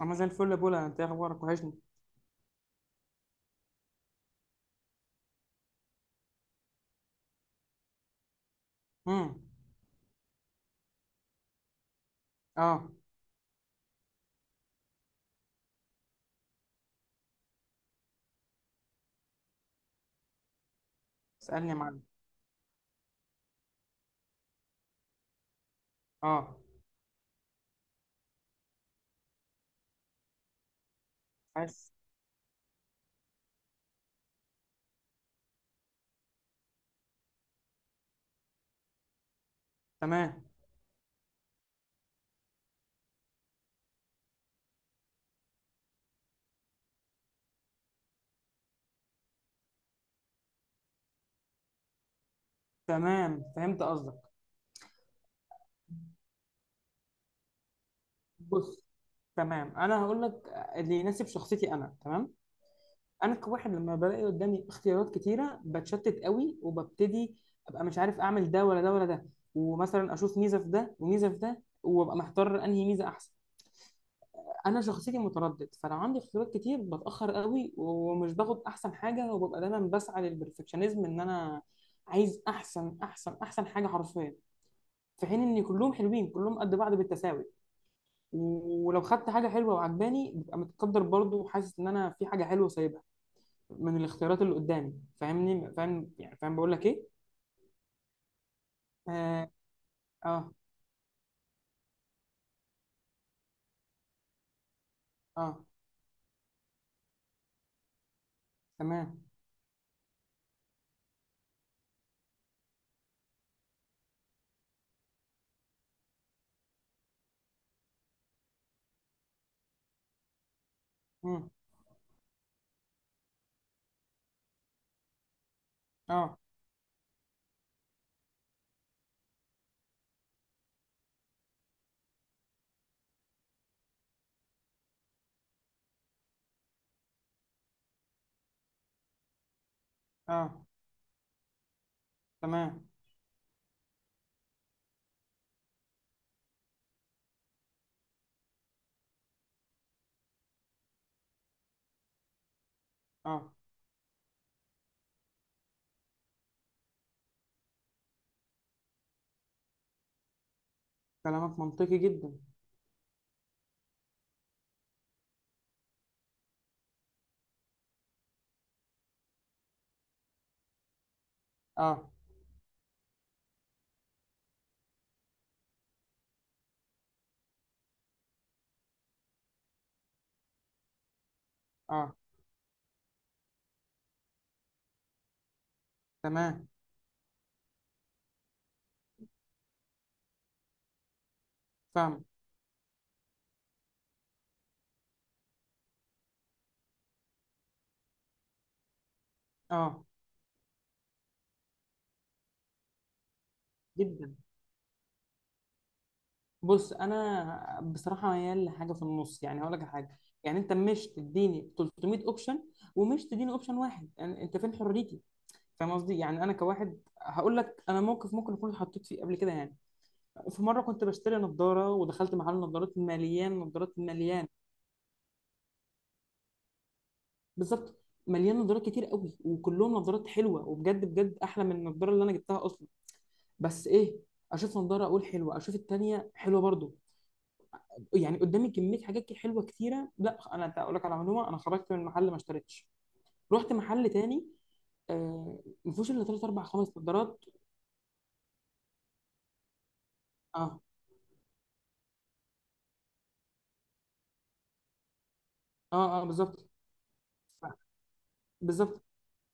انا زي الفل يا بولا. انت إيه اخبارك؟ وحشني. امم. اه. اسالني يا معلم. اه. عايز. تمام. تمام، فهمت قصدك. بص، تمام، انا هقول لك اللي يناسب شخصيتي. انا تمام. انا كواحد لما بلاقي قدامي اختيارات كتيره بتشتت قوي، وببتدي ابقى مش عارف اعمل ده ولا ده ولا ده. ومثلا اشوف ميزه في ده وميزه في ده وابقى محتار انهي ميزه احسن. انا شخصيتي متردد، فلو عندي اختيارات كتير بتاخر قوي ومش باخد احسن حاجه، وببقى دايما بسعى للبرفكشنزم. ان انا عايز احسن احسن احسن حاجه حرفيا. في حين ان كلهم حلوين، كلهم قد بعض بالتساوي. ولو خدت حاجه حلوه وعجباني ببقى متقدر برضو، وحاسس ان انا في حاجه حلوه سايبها من الاختيارات اللي قدامي. فاهمني؟ فاهم يعني، فاهم بقول لك ايه؟ اه اه, آه. تمام. مم. اه اه، تمام. اه. كلامك منطقي جدا. اه اه، تمام، فاهم. اه، جدا. بص، انا بصراحه ميال لحاجه في النص. يعني هقول لك على حاجه. يعني انت مش تديني 300 اوبشن، ومش تديني اوبشن واحد. يعني انت فين حريتي؟ فاهم قصدي؟ يعني انا كواحد هقول لك. انا موقف ممكن اكون اتحطيت فيه قبل كده يعني. في مره كنت بشتري نظاره ودخلت محل نظارات مليان نظارات مليان. بالظبط. مليان نظارات كتير قوي، وكلهم نظارات حلوه، وبجد بجد احلى من النظاره اللي انا جبتها اصلا. بس ايه؟ اشوف نظاره اقول حلوه، اشوف التانيه حلوه برضو. يعني قدامي كميه حاجات كده حلوه كتيره. لا، انا اقول لك على معلومه، انا خرجت من المحل ما اشتريتش. رحت محل تاني. آه ما فيهوش الا ثلاث اربع خمس نضارات. اه اه اه، بالظبط. بالظبط.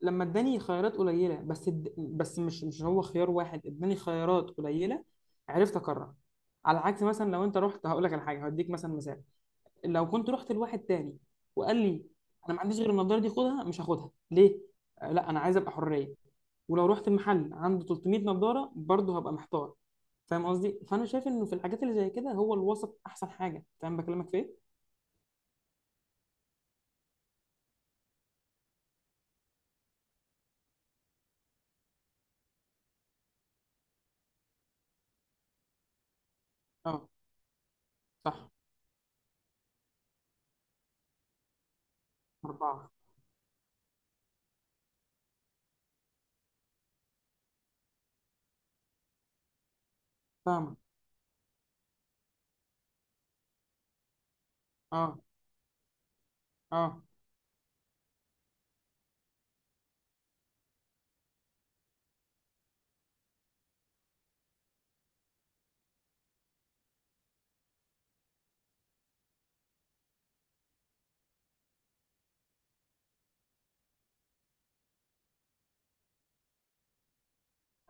لما اداني خيارات قليله، بس بس مش هو خيار واحد، اداني خيارات قليله عرفت اقرر. على عكس مثلا لو انت رحت، هقول لك على حاجه، هديك مثلا مثال. لو كنت رحت لواحد تاني وقال لي: انا ما عنديش غير النضاره دي، خدها. مش هاخدها ليه؟ لا، انا عايز ابقى حريه. ولو رحت المحل عنده 300 نضاره برضه هبقى محتار. فاهم قصدي؟ فانا شايف انه في الحاجات اللي زي كده هو الوسط احسن حاجه. فاهم بكلمك في ايه؟ اه. صح. اربعه. فاهمه. اه. اه.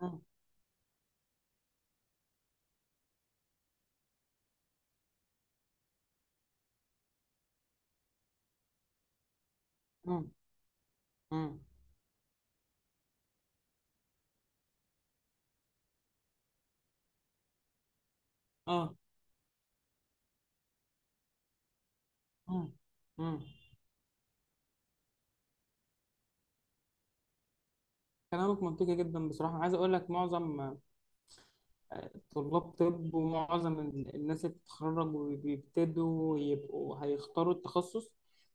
مم، مم، مم، اه، مم، مم. كلامك منطقي جدا بصراحه. عايز اقول لك معظم طلاب طب، ومعظم الناس اللي بتتخرج وبيبتدوا يبقوا هيختاروا التخصص،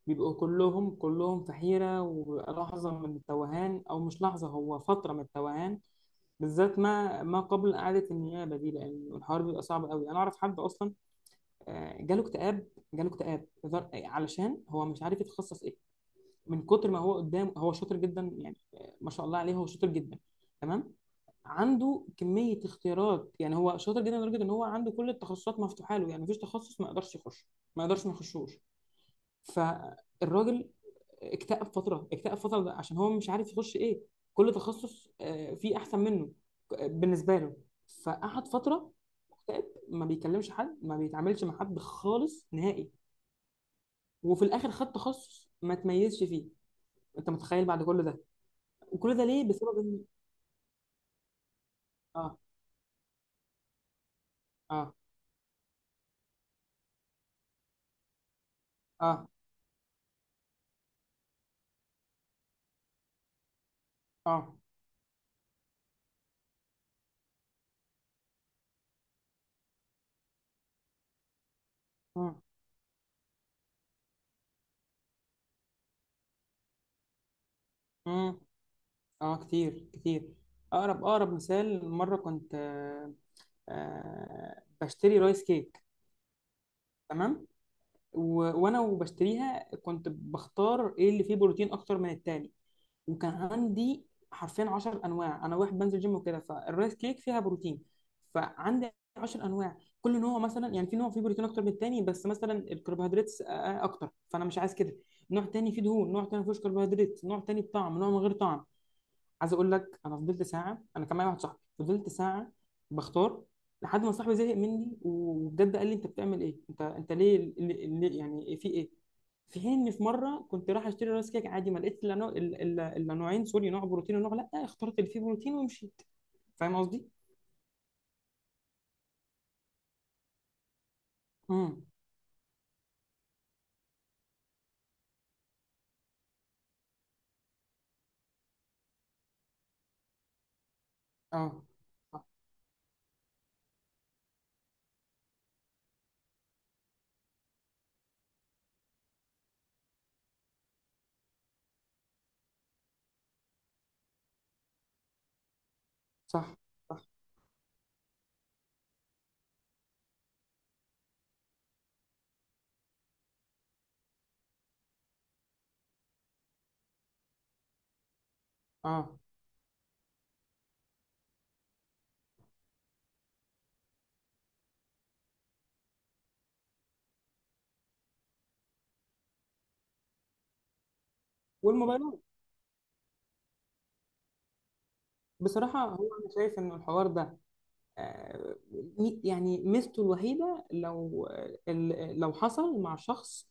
بيبقوا كلهم كلهم في حيرة. وبيبقى لحظة من التوهان، أو مش لحظة، هو فترة من التوهان. بالذات ما قبل إعادة النيابة دي. لأن الحوار بيبقى صعب قوي. أنا أعرف حد أصلا جاله اكتئاب. جاله اكتئاب علشان هو مش عارف يتخصص إيه. من كتر ما هو قدام. هو شاطر جدا يعني، ما شاء الله عليه، هو شاطر جدا. تمام. عنده كمية اختيارات. يعني هو شاطر جدا لدرجة ان هو عنده كل التخصصات مفتوحة له. يعني مفيش تخصص ما يقدرش يخش. ما يقدرش ما يخشوش. فالراجل اكتئب فترة، اكتئب فترة، ده عشان هو مش عارف يخش ايه. كل تخصص فيه احسن منه بالنسبة له. فقعد فترة مكتئب، ما بيكلمش حد، ما بيتعاملش مع حد خالص نهائي. وفي الاخر خد تخصص ما تميزش فيه. انت متخيل بعد كل ده؟ وكل ده ليه؟ بسبب ان. اه. اه. اه. اه. اه. اه, آه. كتير كتير. اقرب اقرب مثال، مره كنت بشتري رايس كيك. تمام. و... وانا وبشتريها كنت بختار ايه اللي فيه بروتين اكتر من التاني. وكان عندي حرفيا 10 انواع. انا واحد بنزل جيم وكده، فالرايس كيك فيها بروتين. فعندي 10 انواع، كل نوع مثلا، يعني في نوع فيه بروتين اكتر من التاني بس مثلا الكربوهيدرات اكتر، فانا مش عايز كده. نوع تاني فيه دهون، نوع تاني ما فيهوش كربوهيدرات، نوع تاني بطعم، نوع من غير طعم. عايز اقول لك، انا فضلت ساعه. انا كان معايا واحد صاحبي، فضلت ساعه بختار لحد ما صاحبي زهق مني وبجد قال لي: انت بتعمل ايه؟ انت ليه, ليه, ليه؟ يعني في ايه؟ في حين ان في مره كنت رايح اشتري راس كيك عادي، ما لقيتش الا نوع- إلا- إلا- إلا نوعين. سوري، نوع بروتين ونوع لا. اخترت اللي فيه بروتين ومشيت. فاهم قصدي؟ امم. اه. صح صح صح. اه. والموبايلات. بصراحه هو انا شايف ان الحوار ده آه، يعني ميزته الوحيدة لو، لو حصل مع شخص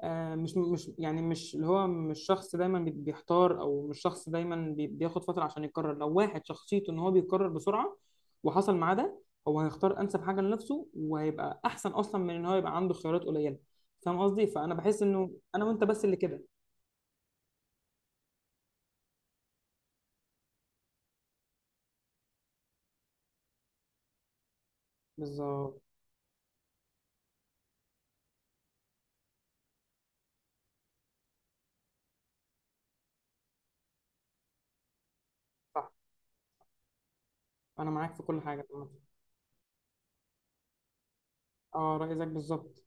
مش يعني مش اللي هو مش شخص دايما بيحتار، او مش شخص دايما بياخد فترة عشان يقرر. لو واحد شخصيته ان هو بيقرر بسرعة وحصل معاه ده، هو هيختار انسب حاجة لنفسه، وهيبقى احسن اصلا من ان هو يبقى عنده خيارات قليلة. فاهم قصدي؟ فانا بحس انه انا وانت بس اللي كده. بالظبط. صح. انا معاك في كل حاجة. اه، رأي زيك بالظبط.